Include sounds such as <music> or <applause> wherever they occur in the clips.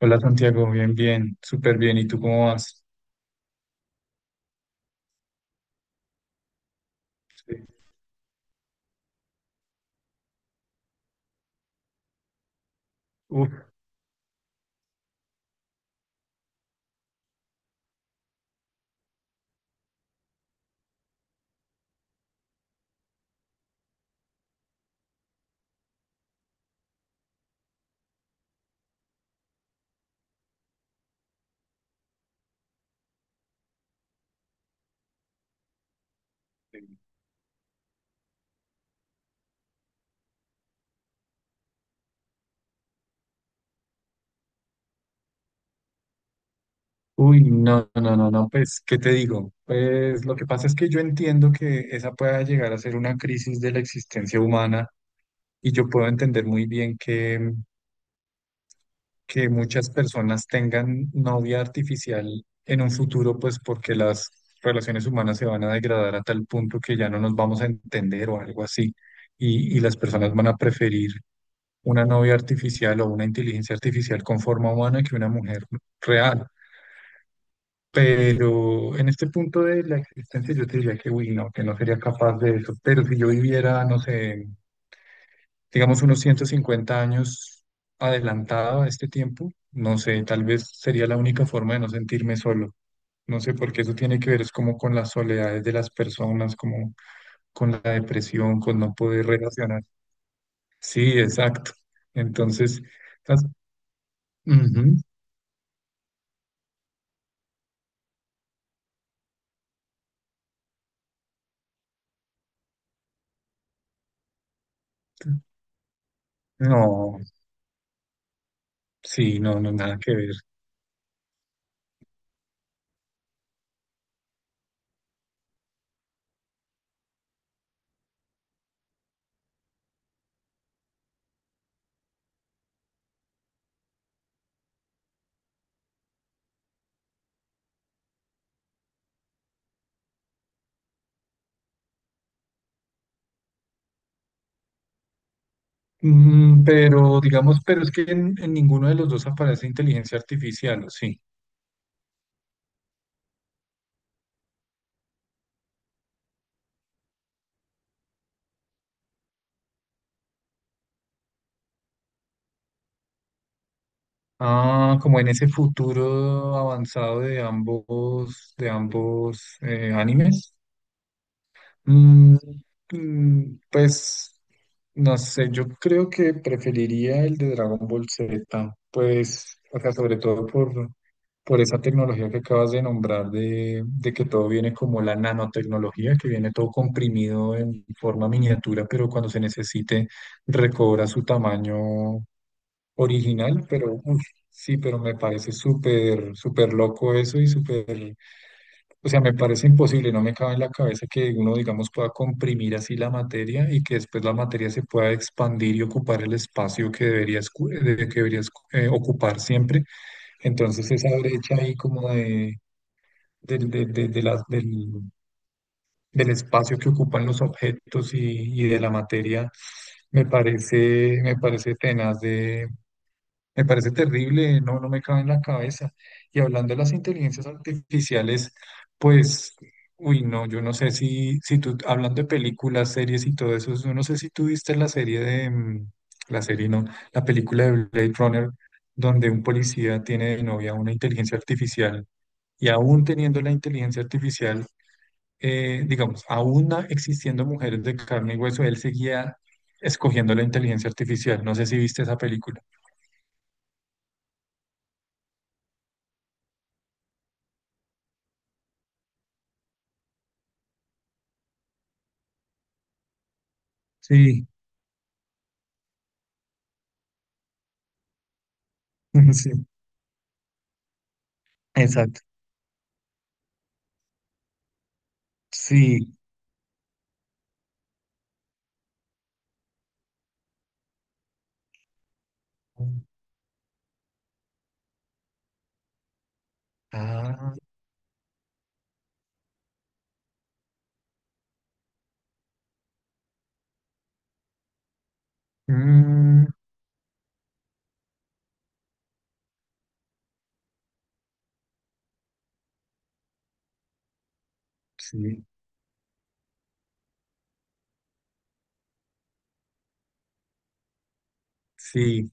Hola Santiago, bien, bien, súper bien. ¿Y tú cómo vas? Sí. Uf, uy, no, no, no, no, pues, ¿qué te digo? Pues lo que pasa es que yo entiendo que esa pueda llegar a ser una crisis de la existencia humana y yo puedo entender muy bien que muchas personas tengan novia artificial en un futuro, pues porque las relaciones humanas se van a degradar a tal punto que ya no nos vamos a entender o algo así. Y las personas van a preferir una novia artificial o una inteligencia artificial con forma humana que una mujer real. Pero en este punto de la existencia yo te diría que, uy, no, que no sería capaz de eso. Pero si yo viviera, no sé, digamos unos 150 años adelantado a este tiempo, no sé, tal vez sería la única forma de no sentirme solo. No sé, porque eso tiene que ver es como con las soledades de las personas, como con la depresión, con no poder relacionar. Sí, exacto. Entonces, las- ujú. No, sí, no, no, nada que ver. Pero digamos, pero es que en ninguno de los dos aparece inteligencia artificial, ¿o sí? Ah, como en ese futuro avanzado de ambos, animes. Mm, pues no sé, yo creo que preferiría el de Dragon Ball Z, pues, o sea, sobre todo por esa tecnología que acabas de nombrar, de que todo viene como la nanotecnología, que viene todo comprimido en forma miniatura, pero cuando se necesite recobra su tamaño original, pero uf, sí, pero me parece súper, súper loco eso y súper o sea, me parece imposible, no me cabe en la cabeza que uno, digamos, pueda comprimir así la materia y que después la materia se pueda expandir y ocupar el espacio que debería ocupar siempre. Entonces, esa brecha ahí como de, del de la- del, del espacio que ocupan los objetos y de la materia, me parece tenaz, me parece terrible, no, no me cabe en la cabeza. Y hablando de las inteligencias artificiales, pues, uy, no, yo no sé si tú, hablando de películas, series y todo eso, yo no sé si tú viste la serie de, la serie no, la película de Blade Runner, donde un policía tiene de novia una inteligencia artificial y aún teniendo la inteligencia artificial, digamos, aún existiendo mujeres de carne y hueso, él seguía escogiendo la inteligencia artificial. No sé si viste esa película. Sí, <laughs> sí. Exacto. Sí. Ah, mm, sí, sí,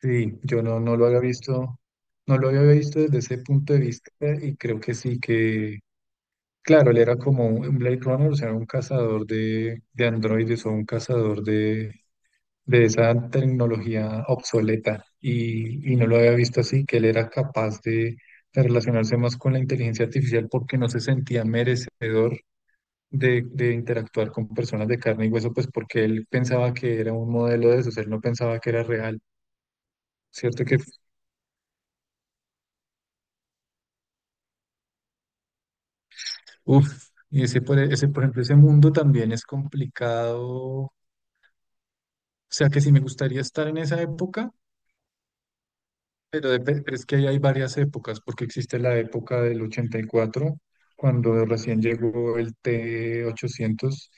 sí. Yo no lo había visto, no lo había visto desde ese punto de vista y creo que sí que, claro, él era como un Blade Runner, o sea, un cazador de androides o un cazador de esa tecnología obsoleta y no lo había visto así, que él era capaz de relacionarse más con la inteligencia artificial porque no se sentía merecedor de interactuar con personas de carne y hueso, pues porque él pensaba que era un modelo de esos, él no pensaba que era real, ¿cierto? Que, uff, y ese, por ejemplo, ese mundo también es complicado, o sea que si me gustaría estar en esa época. Pero es que ahí hay varias épocas, porque existe la época del 84, cuando recién llegó el T-800,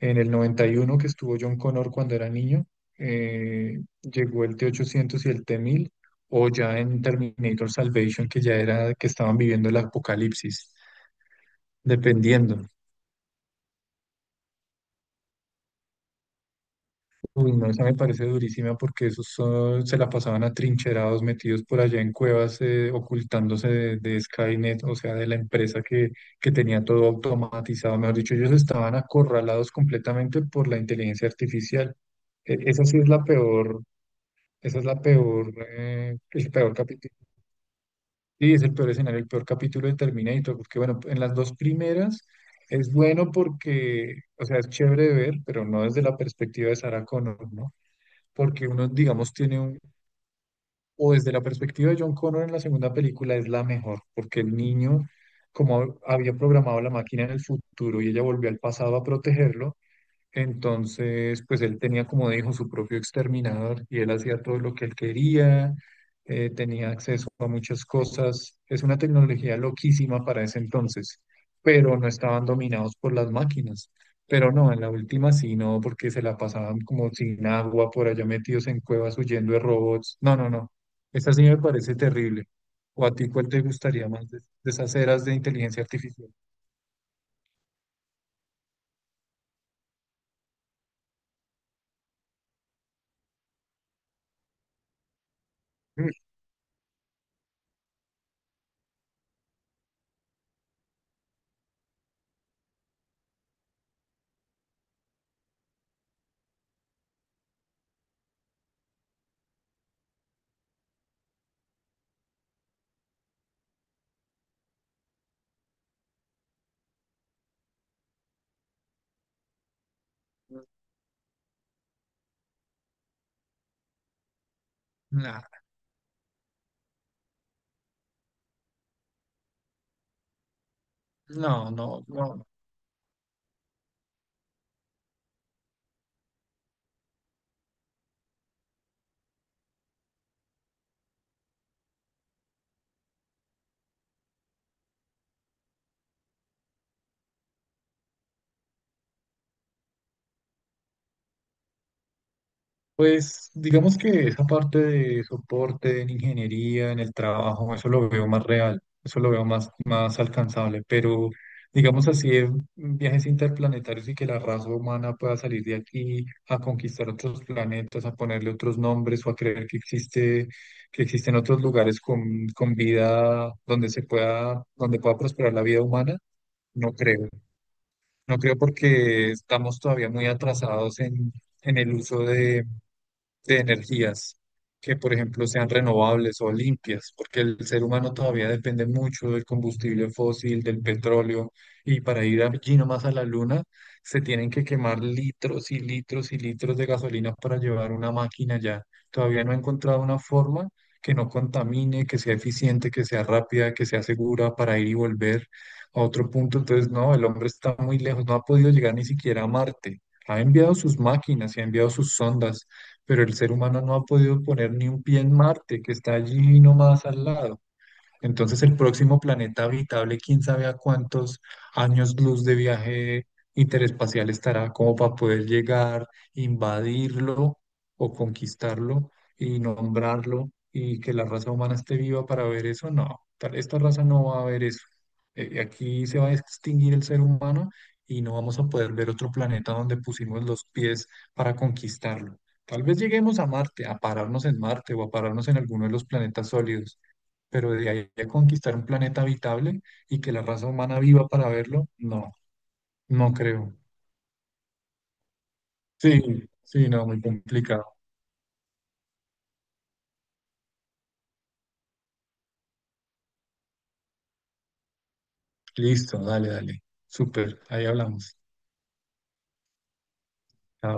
en el 91, que estuvo John Connor cuando era niño, llegó el T-800 y el T-1000, o ya en Terminator Salvation, que ya era que estaban viviendo el apocalipsis, dependiendo. Uy, no, esa me parece durísima porque se la pasaban atrincherados, metidos por allá en cuevas, ocultándose de Skynet, o sea, de la empresa que tenía todo automatizado. Mejor dicho, ellos estaban acorralados completamente por la inteligencia artificial. Esa sí es la peor, esa es la peor, el peor capítulo. Sí, es el peor escenario, el peor capítulo de Terminator, porque bueno, en las dos primeras es bueno porque, o sea, es chévere de ver, pero no desde la perspectiva de Sarah Connor, ¿no? Porque uno, digamos, tiene un, o desde la perspectiva de John Connor en la segunda película es la mejor, porque el niño, como había programado la máquina en el futuro y ella volvió al pasado a protegerlo, entonces, pues él tenía, como dijo, su propio exterminador y él hacía todo lo que él quería, tenía acceso a muchas cosas. Es una tecnología loquísima para ese entonces, pero no estaban dominados por las máquinas. Pero no, en la última sí, no, porque se la pasaban como sin agua, por allá metidos en cuevas huyendo de robots. No, no, no. Esta sí me parece terrible. ¿O a ti cuál te gustaría más de esas eras de inteligencia artificial? Mm, nah, no, no, no. Pues digamos que esa parte de soporte en ingeniería, en el trabajo, eso lo veo más real, eso lo veo más, más alcanzable, pero digamos así, en viajes interplanetarios y que la raza humana pueda salir de aquí a conquistar otros planetas, a ponerle otros nombres o a creer que existe, que existen otros lugares con vida donde se pueda, donde pueda prosperar la vida humana, no creo. No creo porque estamos todavía muy atrasados en el uso de energías que, por ejemplo, sean renovables o limpias, porque el ser humano todavía depende mucho del combustible fósil, del petróleo, y para ir allí nomás a la luna se tienen que quemar litros y litros y litros de gasolina para llevar una máquina allá. Todavía no he encontrado una forma que no contamine, que sea eficiente, que sea rápida, que sea segura para ir y volver a otro punto. Entonces, no, el hombre está muy lejos, no ha podido llegar ni siquiera a Marte. Ha enviado sus máquinas y ha enviado sus sondas, pero el ser humano no ha podido poner ni un pie en Marte, que está allí nomás al lado. Entonces el próximo planeta habitable, quién sabe a cuántos años luz de viaje interespacial estará como para poder llegar, invadirlo o conquistarlo y nombrarlo y que la raza humana esté viva para ver eso. No, esta raza no va a ver eso. Aquí se va a extinguir el ser humano y no vamos a poder ver otro planeta donde pusimos los pies para conquistarlo. Tal vez lleguemos a Marte, a pararnos en Marte o a pararnos en alguno de los planetas sólidos pero de ahí a conquistar un planeta habitable y que la raza humana viva para verlo, no, no creo. Sí, sí, no, muy complicado. Listo, dale, dale. Súper, ahí hablamos. Chao.